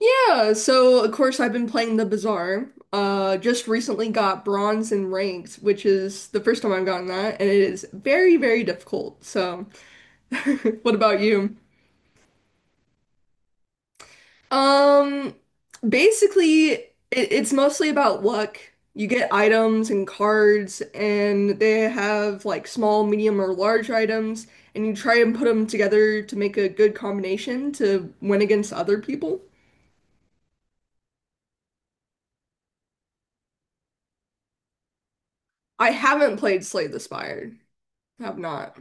Yeah, so of course I've been playing the Bazaar. Just recently got bronze in ranked, which is the first time I've gotten that, and it is very, very difficult. So, what about you? Um, Basically, it's mostly about luck. You get items and cards, and they have like small, medium, or large items, and you try and put them together to make a good combination to win against other people. I haven't played Slay the Spire. Have not.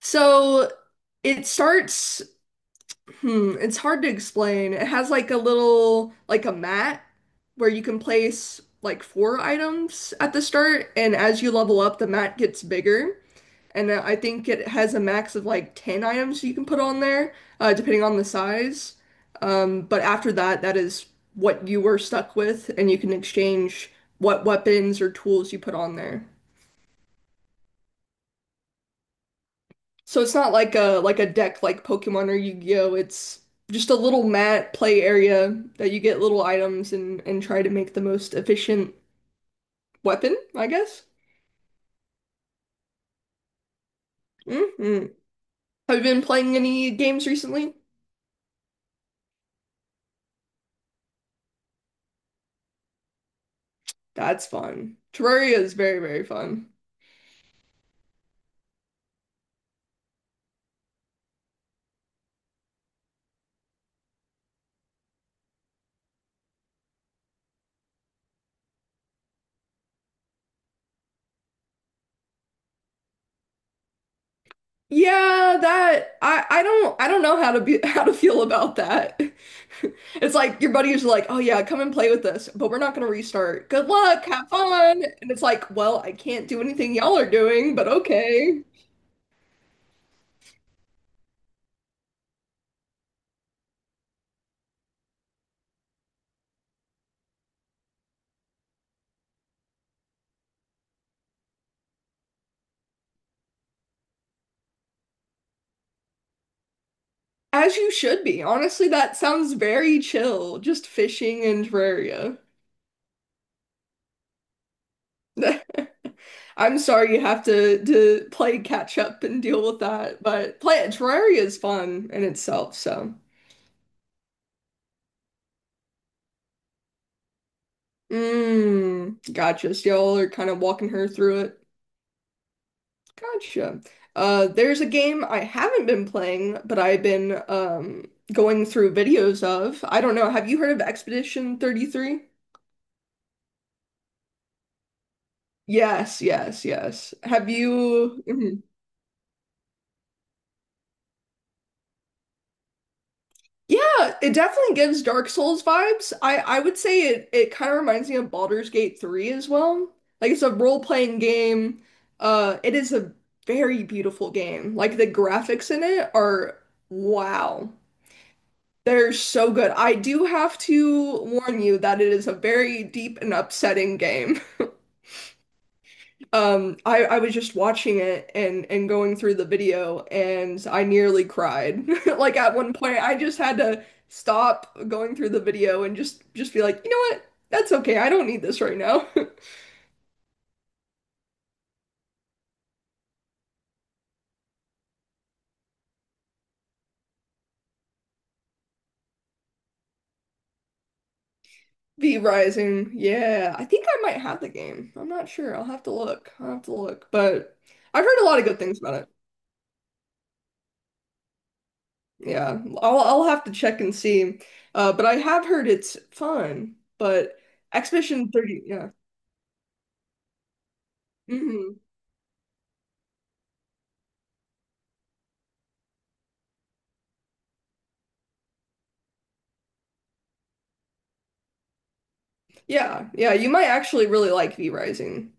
So it starts, hmm, it's hard to explain. It has like a little, like a mat where you can place like four items at the start, and as you level up, the mat gets bigger. And I think it has a max of like 10 items you can put on there, depending on the size. But after that, that is what you were stuck with, and you can exchange what weapons or tools you put on there. So it's not like a like a deck like Pokemon or Yu-Gi-Oh. It's just a little mat play area that you get little items and try to make the most efficient weapon, I guess. Hmm, have you been playing any games recently? That's fun. Terraria is very, very fun. Yeah, that I don't I don't know how to be how to feel about that. It's like your buddy is like, "Oh yeah, come and play with us, but we're not gonna restart. Good luck, have fun." And it's like, "Well, I can't do anything y'all are doing, but okay." As you should be. Honestly, that sounds very chill, just fishing in Terraria. I'm sorry you have to play catch up and deal with that, but play Terraria is fun in itself, so. Mm, gotcha. So y'all are kind of walking her through it. Gotcha. There's a game I haven't been playing, but I've been going through videos of. I don't know. Have you heard of Expedition 33? Yes, yes, yes. Have you? Mm-hmm. Yeah, it definitely gives Dark Souls vibes. I would say it kind of reminds me of Baldur's Gate 3 as well. Like it's a role-playing game. Uh, it is a very beautiful game. Like the graphics in it are wow. They're so good. I do have to warn you that it is a very deep and upsetting game. I was just watching it and going through the video and I nearly cried. Like at one point I just had to stop going through the video and just be like, "You know what? That's okay. I don't need this right now." V Rising. Yeah. I think I might have the game. I'm not sure. I'll have to look. I'll have to look. But I've heard a lot of good things about it. Yeah. I'll have to check and see. But I have heard it's fun. But Expedition 30, yeah. Mhm. Yeah, yeah, you might actually really like V Rising.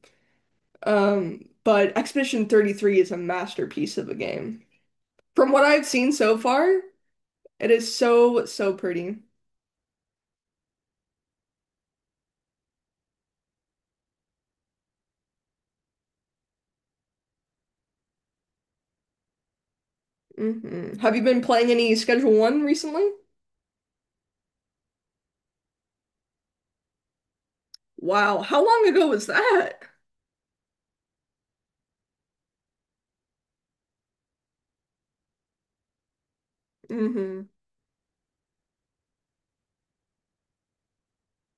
But Expedition 33 is a masterpiece of a game. From what I've seen so far, it is so, so pretty. Hmm, have you been playing any Schedule One recently? Wow, how long ago was that? Hmm.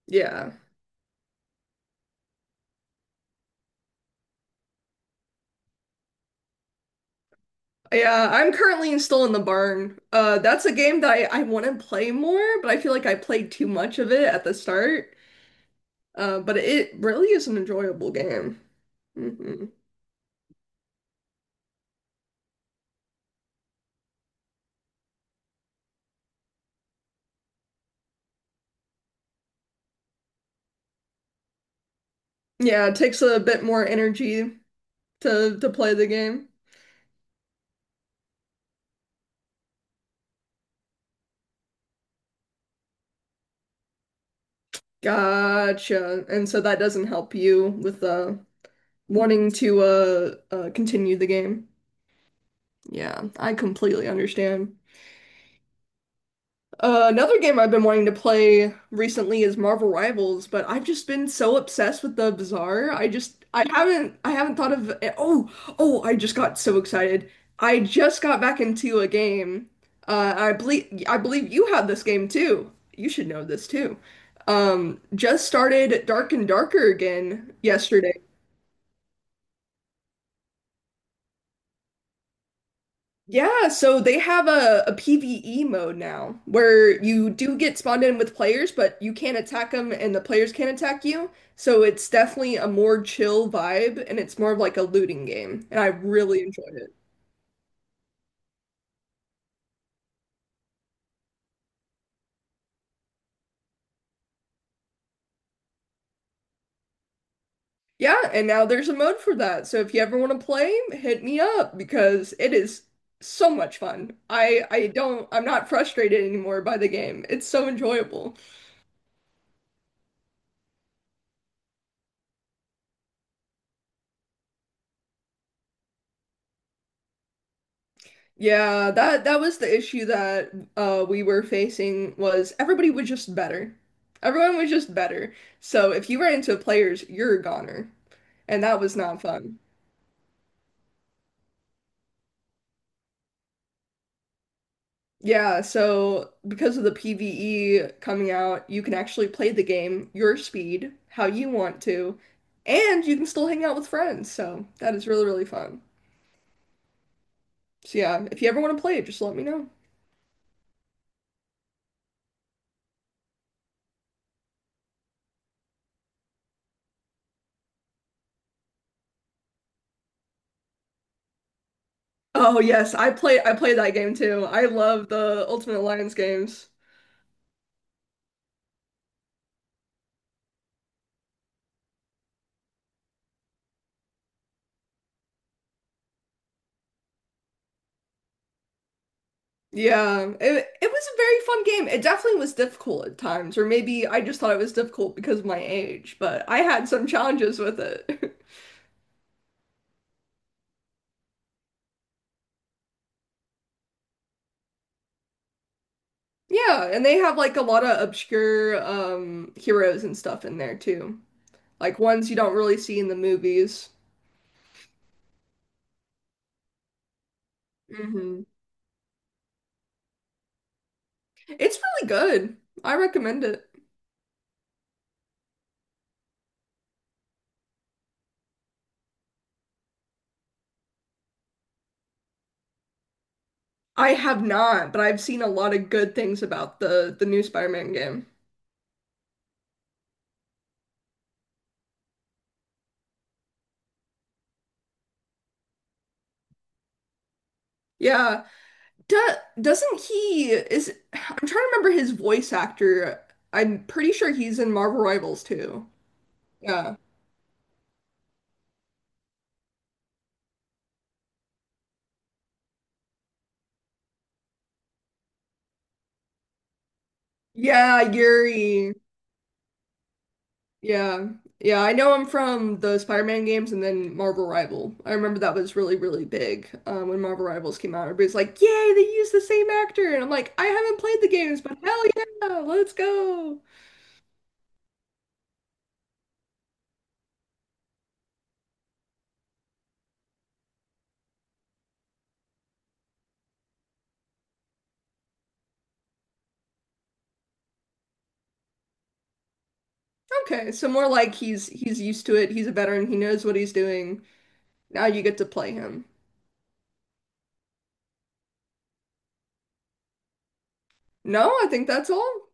Yeah. Yeah, I'm currently in- still in the barn. That's a game that I want to play more, but I feel like I played too much of it at the start. But it really is an enjoyable game. Hmm. Yeah, it takes a bit more energy to play the game. Gotcha. And so that doesn't help you with wanting to continue the game. Yeah, I completely understand. Another game I've been wanting to play recently is Marvel Rivals, but I've just been so obsessed with the Bazaar. I haven't thought of oh, I just got so excited. I just got back into a game. I believe you have this game too. You should know this too. Just started Dark and Darker again yesterday. Yeah, so they have a PvE mode now where you do get spawned in with players, but you can't attack them and the players can't attack you. So it's definitely a more chill vibe and it's more of like a looting game. And I really enjoyed it. Yeah, and now there's a mode for that. So if you ever want to play, hit me up because it is so much fun. I'm not frustrated anymore by the game. It's so enjoyable. Yeah, that was the issue that we were facing was everybody was just better. Everyone was just better. So if you ran into players, you're a goner. And that was not fun. Yeah, so because of the PvE coming out, you can actually play the game your speed, how you want to, and you can still hang out with friends. So that is really, really fun. So yeah, if you ever want to play it, just let me know. Oh yes, I play that game too. I love the Ultimate Alliance games. Yeah, it was a very fun game. It definitely was difficult at times, or maybe I just thought it was difficult because of my age, but I had some challenges with it. Yeah, and they have like a lot of obscure heroes and stuff in there too. Like ones you don't really see in the movies. Hmm. It's really good. I recommend it. I have not, but I've seen a lot of good things about the new Spider-Man game. Yeah, Do doesn't he is I'm trying to remember his voice actor. I'm pretty sure he's in Marvel Rivals too. Yeah. Yeah, Yuri. Yeah. Yeah, I know him from the Spider-Man games and then Marvel Rival. I remember that was really, really big when Marvel Rivals came out. Everybody's like, "Yay, they used the same actor!" And I'm like, "I haven't played the games, but hell yeah, let's go!" Okay, so more like he's used to it. He's a veteran. He knows what he's doing. Now you get to play him. No, I think that's all.